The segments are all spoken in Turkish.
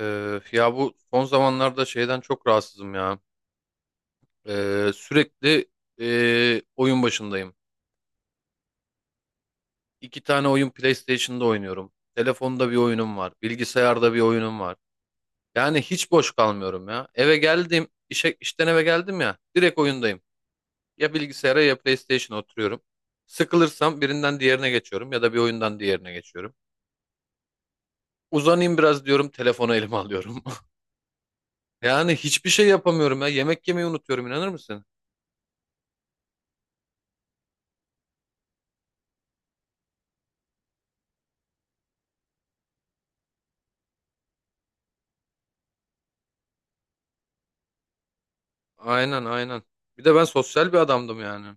Ya bu son zamanlarda şeyden çok rahatsızım ya. Sürekli oyun başındayım. 2 tane oyun PlayStation'da oynuyorum. Telefonda bir oyunum var. Bilgisayarda bir oyunum var. Yani hiç boş kalmıyorum ya. Eve geldim, işe, işten eve geldim ya. Direkt oyundayım. Ya bilgisayara ya PlayStation'a oturuyorum. Sıkılırsam birinden diğerine geçiyorum ya da bir oyundan diğerine geçiyorum. Uzanayım biraz diyorum, telefonu elime alıyorum. Yani hiçbir şey yapamıyorum ya. Yemek yemeyi unutuyorum inanır mısın? Aynen aynen. Bir de ben sosyal bir adamdım yani.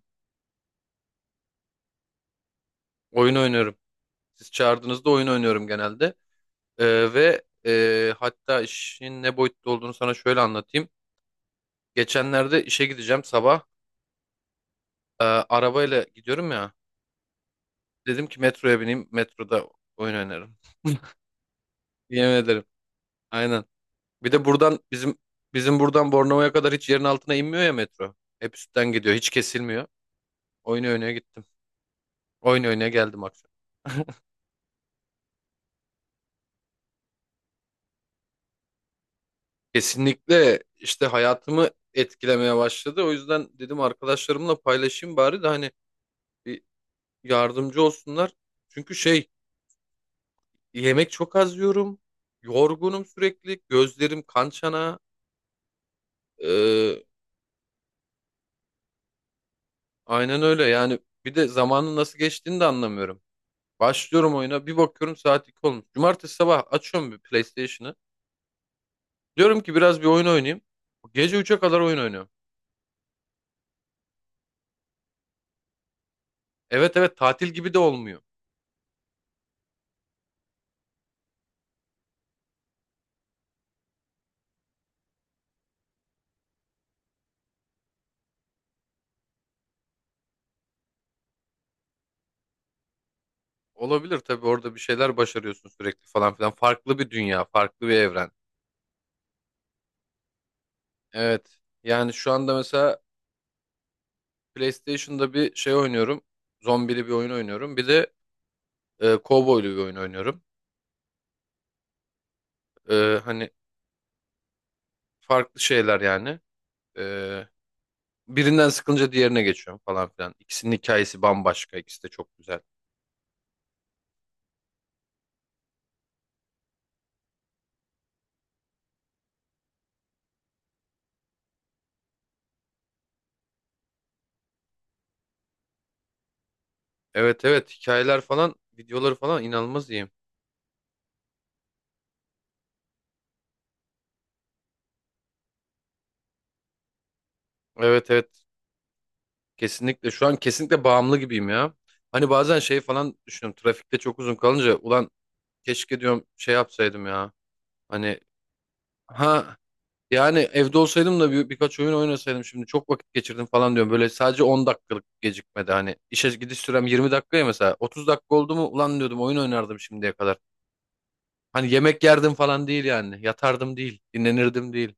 Oyun oynuyorum. Siz çağırdığınızda oyun oynuyorum genelde. Ve hatta işin ne boyutta olduğunu sana şöyle anlatayım. Geçenlerde işe gideceğim sabah. Arabayla gidiyorum ya. Dedim ki metroya bineyim. Metroda oyun oynarım. Yemin ederim. Aynen. Bir de buradan bizim buradan Bornova'ya kadar hiç yerin altına inmiyor ya metro. Hep üstten gidiyor. Hiç kesilmiyor. Oyun oynaya gittim. Oyun oynaya geldim akşam. Kesinlikle işte hayatımı etkilemeye başladı. O yüzden dedim arkadaşlarımla paylaşayım bari de hani bir yardımcı olsunlar. Çünkü şey yemek çok az yiyorum. Yorgunum sürekli. Gözlerim kan çanağı. Ee, aynen öyle yani. Bir de zamanın nasıl geçtiğini de anlamıyorum. Başlıyorum oyuna bir bakıyorum saat 2 olmuş. Cumartesi sabah açıyorum bir PlayStation'ı. Diyorum ki biraz bir oyun oynayayım. Gece 3'e kadar oyun oynuyorum. Evet evet, tatil gibi de olmuyor. Olabilir tabii, orada bir şeyler başarıyorsun sürekli falan filan. Farklı bir dünya, farklı bir evren. Evet. Yani şu anda mesela PlayStation'da bir şey oynuyorum. Zombili bir oyun oynuyorum. Bir de kovboylu bir oyun oynuyorum. Hani farklı şeyler yani. E, Birinden sıkılınca diğerine geçiyorum falan filan. İkisinin hikayesi bambaşka. İkisi de çok güzel. Evet evet, hikayeler falan, videoları falan inanılmaz iyi. Evet evet, kesinlikle. Şu an kesinlikle bağımlı gibiyim ya. Hani bazen şey falan düşünüyorum. Trafikte çok uzun kalınca ulan, keşke diyorum şey yapsaydım ya. Hani ha, yani evde olsaydım da birkaç oyun oynasaydım şimdi çok vakit geçirdim falan diyorum. Böyle sadece 10 dakikalık gecikmedi, hani işe gidiş sürem 20 dakikaya mesela 30 dakika oldu mu ulan diyordum oyun oynardım şimdiye kadar. Hani yemek yerdim falan değil, yani yatardım değil, dinlenirdim değil.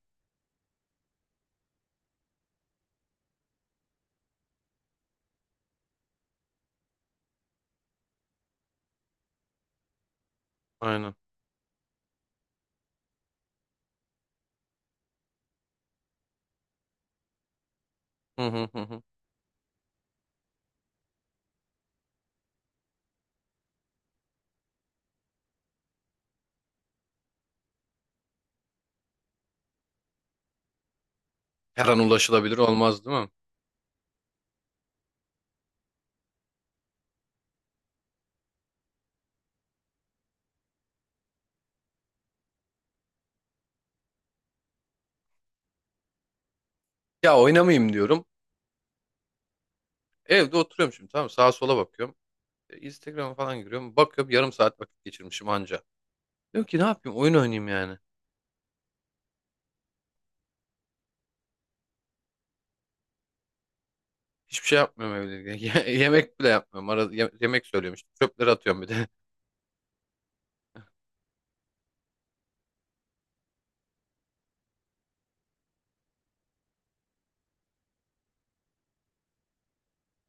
Aynen. Hı hı hı hı. Her an ulaşılabilir olmaz değil mi? Ya oynamayayım diyorum. Evde oturuyorum şimdi, tamam mı? Sağa sola bakıyorum. Instagram'a falan giriyorum. Bakıyorum yarım saat vakit geçirmişim anca. Diyorum ki ne yapayım, oyun oynayayım yani. Hiçbir şey yapmıyorum evde. Yemek bile yapmıyorum. Arada yemek söylüyorum işte. Çöpleri atıyorum bir de.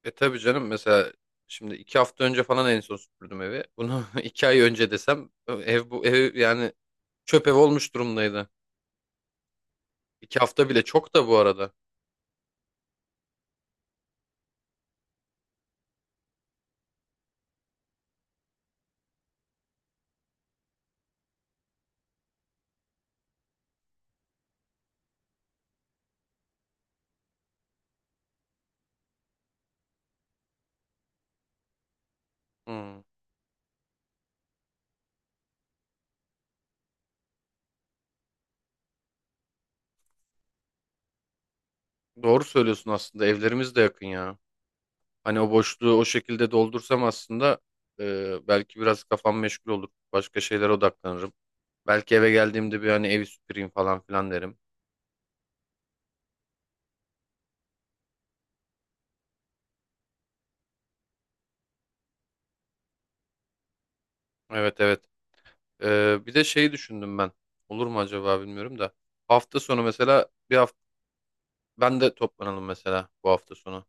Tabii canım, mesela şimdi 2 hafta önce falan en son süpürdüm evi. Bunu 2 ay önce desem, ev bu ev yani çöp ev olmuş durumdaydı. 2 hafta bile çok da bu arada. Hmm. Doğru söylüyorsun, aslında evlerimiz de yakın ya. Hani o boşluğu o şekilde doldursam aslında belki biraz kafam meşgul olur. Başka şeylere odaklanırım. Belki eve geldiğimde bir hani evi süpüreyim falan filan derim. Evet evet. Bir de şeyi düşündüm ben. Olur mu acaba bilmiyorum da. Hafta sonu mesela bir hafta ben de toplanalım mesela bu hafta sonu.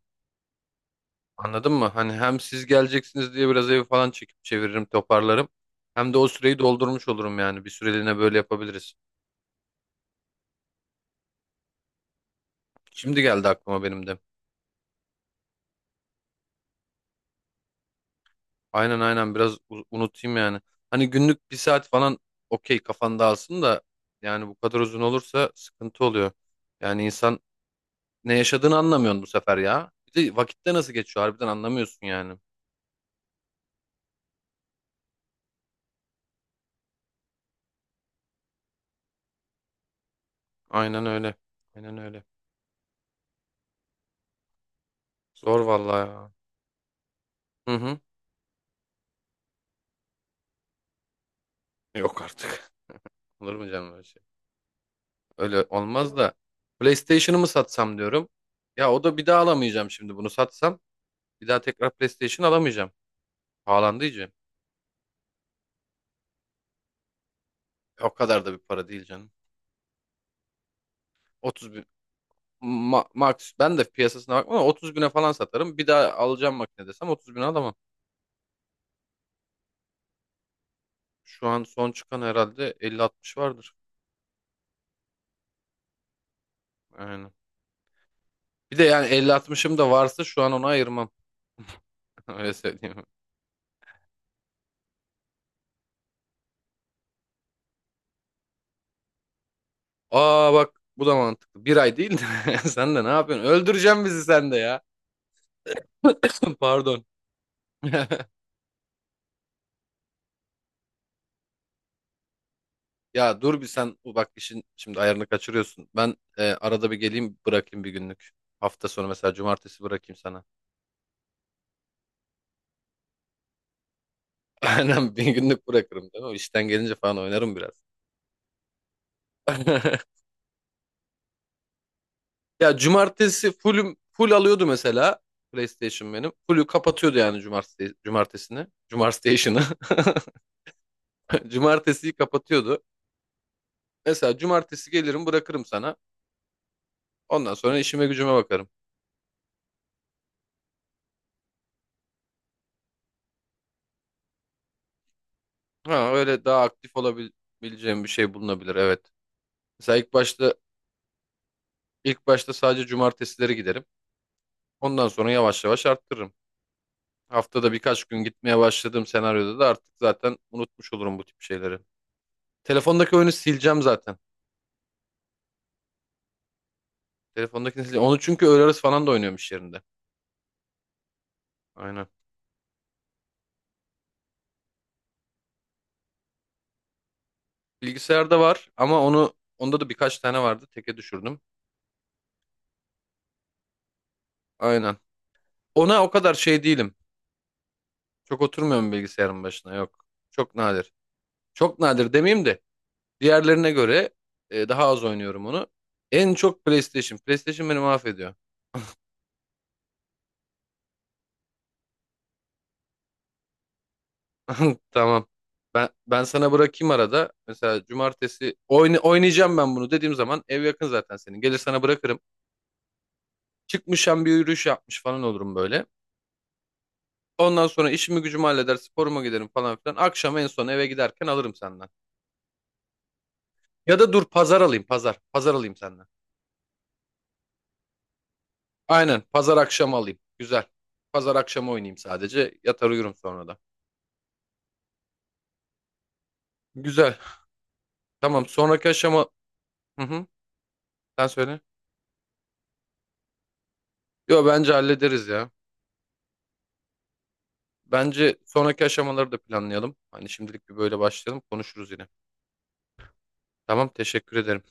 Anladın mı? Hani hem siz geleceksiniz diye biraz evi falan çekip çeviririm, toparlarım. Hem de o süreyi doldurmuş olurum yani. Bir süreliğine böyle yapabiliriz. Şimdi geldi aklıma benim de. Aynen aynen, biraz unutayım yani. Hani günlük bir saat falan okey, kafan alsın da yani bu kadar uzun olursa sıkıntı oluyor. Yani insan ne yaşadığını anlamıyorsun bu sefer ya. Bir de vakitte nasıl geçiyor harbiden anlamıyorsun yani. Aynen öyle. Aynen öyle. Zor vallahi ya. Hı hı. Yok artık. Olur mu canım öyle şey? Öyle olmaz da. PlayStation'ımı satsam diyorum. Ya o da bir daha alamayacağım şimdi bunu satsam. Bir daha tekrar PlayStation alamayacağım. Pahalandı iyice. O kadar da bir para değil canım. 30 bin. Max. Ben de piyasasına bakmam ama 30 bine falan satarım. Bir daha alacağım makine desem 30 bine alamam. Şu an son çıkan herhalde 50-60 vardır. Aynen. Bir de yani elli 60ım da varsa şu an onu ayırmam. Öyle söyleyeyim. Aa bak, bu da mantıklı. Bir ay değil de sen de ne yapıyorsun? Öldüreceğim bizi sen de ya. Pardon. Ya dur bir sen bak, işin şimdi ayarını kaçırıyorsun. Ben arada bir geleyim bırakayım bir günlük. Hafta sonu mesela cumartesi bırakayım sana. Aynen, bir günlük bırakırım değil mi? İşten gelince falan oynarım biraz. Ya cumartesi fullüm full alıyordu mesela PlayStation benim. Full'ü kapatıyordu yani cumartesi cumartesini. Cumartesi'ni. Cumartesiyi kapatıyordu. Mesela cumartesi gelirim bırakırım sana. Ondan sonra işime gücüme bakarım. Ha, öyle daha aktif olabileceğim bir şey bulunabilir, evet. Mesela ilk başta sadece cumartesileri giderim. Ondan sonra yavaş yavaş arttırırım. Haftada birkaç gün gitmeye başladığım senaryoda da artık zaten unutmuş olurum bu tip şeyleri. Telefondaki oyunu sileceğim zaten. Telefondakini sileceğim. Onu çünkü öğle arası falan da oynuyorum iş yerinde. Aynen. Bilgisayarda var ama onu, onda da birkaç tane vardı. Teke düşürdüm. Aynen. Ona o kadar şey değilim. Çok oturmuyorum bilgisayarın başına, yok. Çok nadir. Çok nadir demeyeyim de diğerlerine göre daha az oynuyorum onu. En çok PlayStation. PlayStation beni mahvediyor. Tamam. Ben sana bırakayım arada. Mesela cumartesi oyna, oynayacağım ben bunu dediğim zaman ev yakın zaten senin. Gelir sana bırakırım. Çıkmışım bir yürüyüş yapmış falan olurum böyle. Ondan sonra işimi gücümü halleder, sporuma giderim falan filan. Akşam en son eve giderken alırım senden. Ya da dur pazar alayım, pazar. Pazar alayım senden. Aynen. Pazar akşamı alayım. Güzel. Pazar akşamı oynayayım sadece. Yatar uyurum sonra da. Güzel. Tamam. Sonraki aşama... Hı hı. Sen söyle. Yo bence hallederiz ya. Bence sonraki aşamaları da planlayalım. Hani şimdilik bir böyle başlayalım. Konuşuruz yine. Tamam. Teşekkür ederim.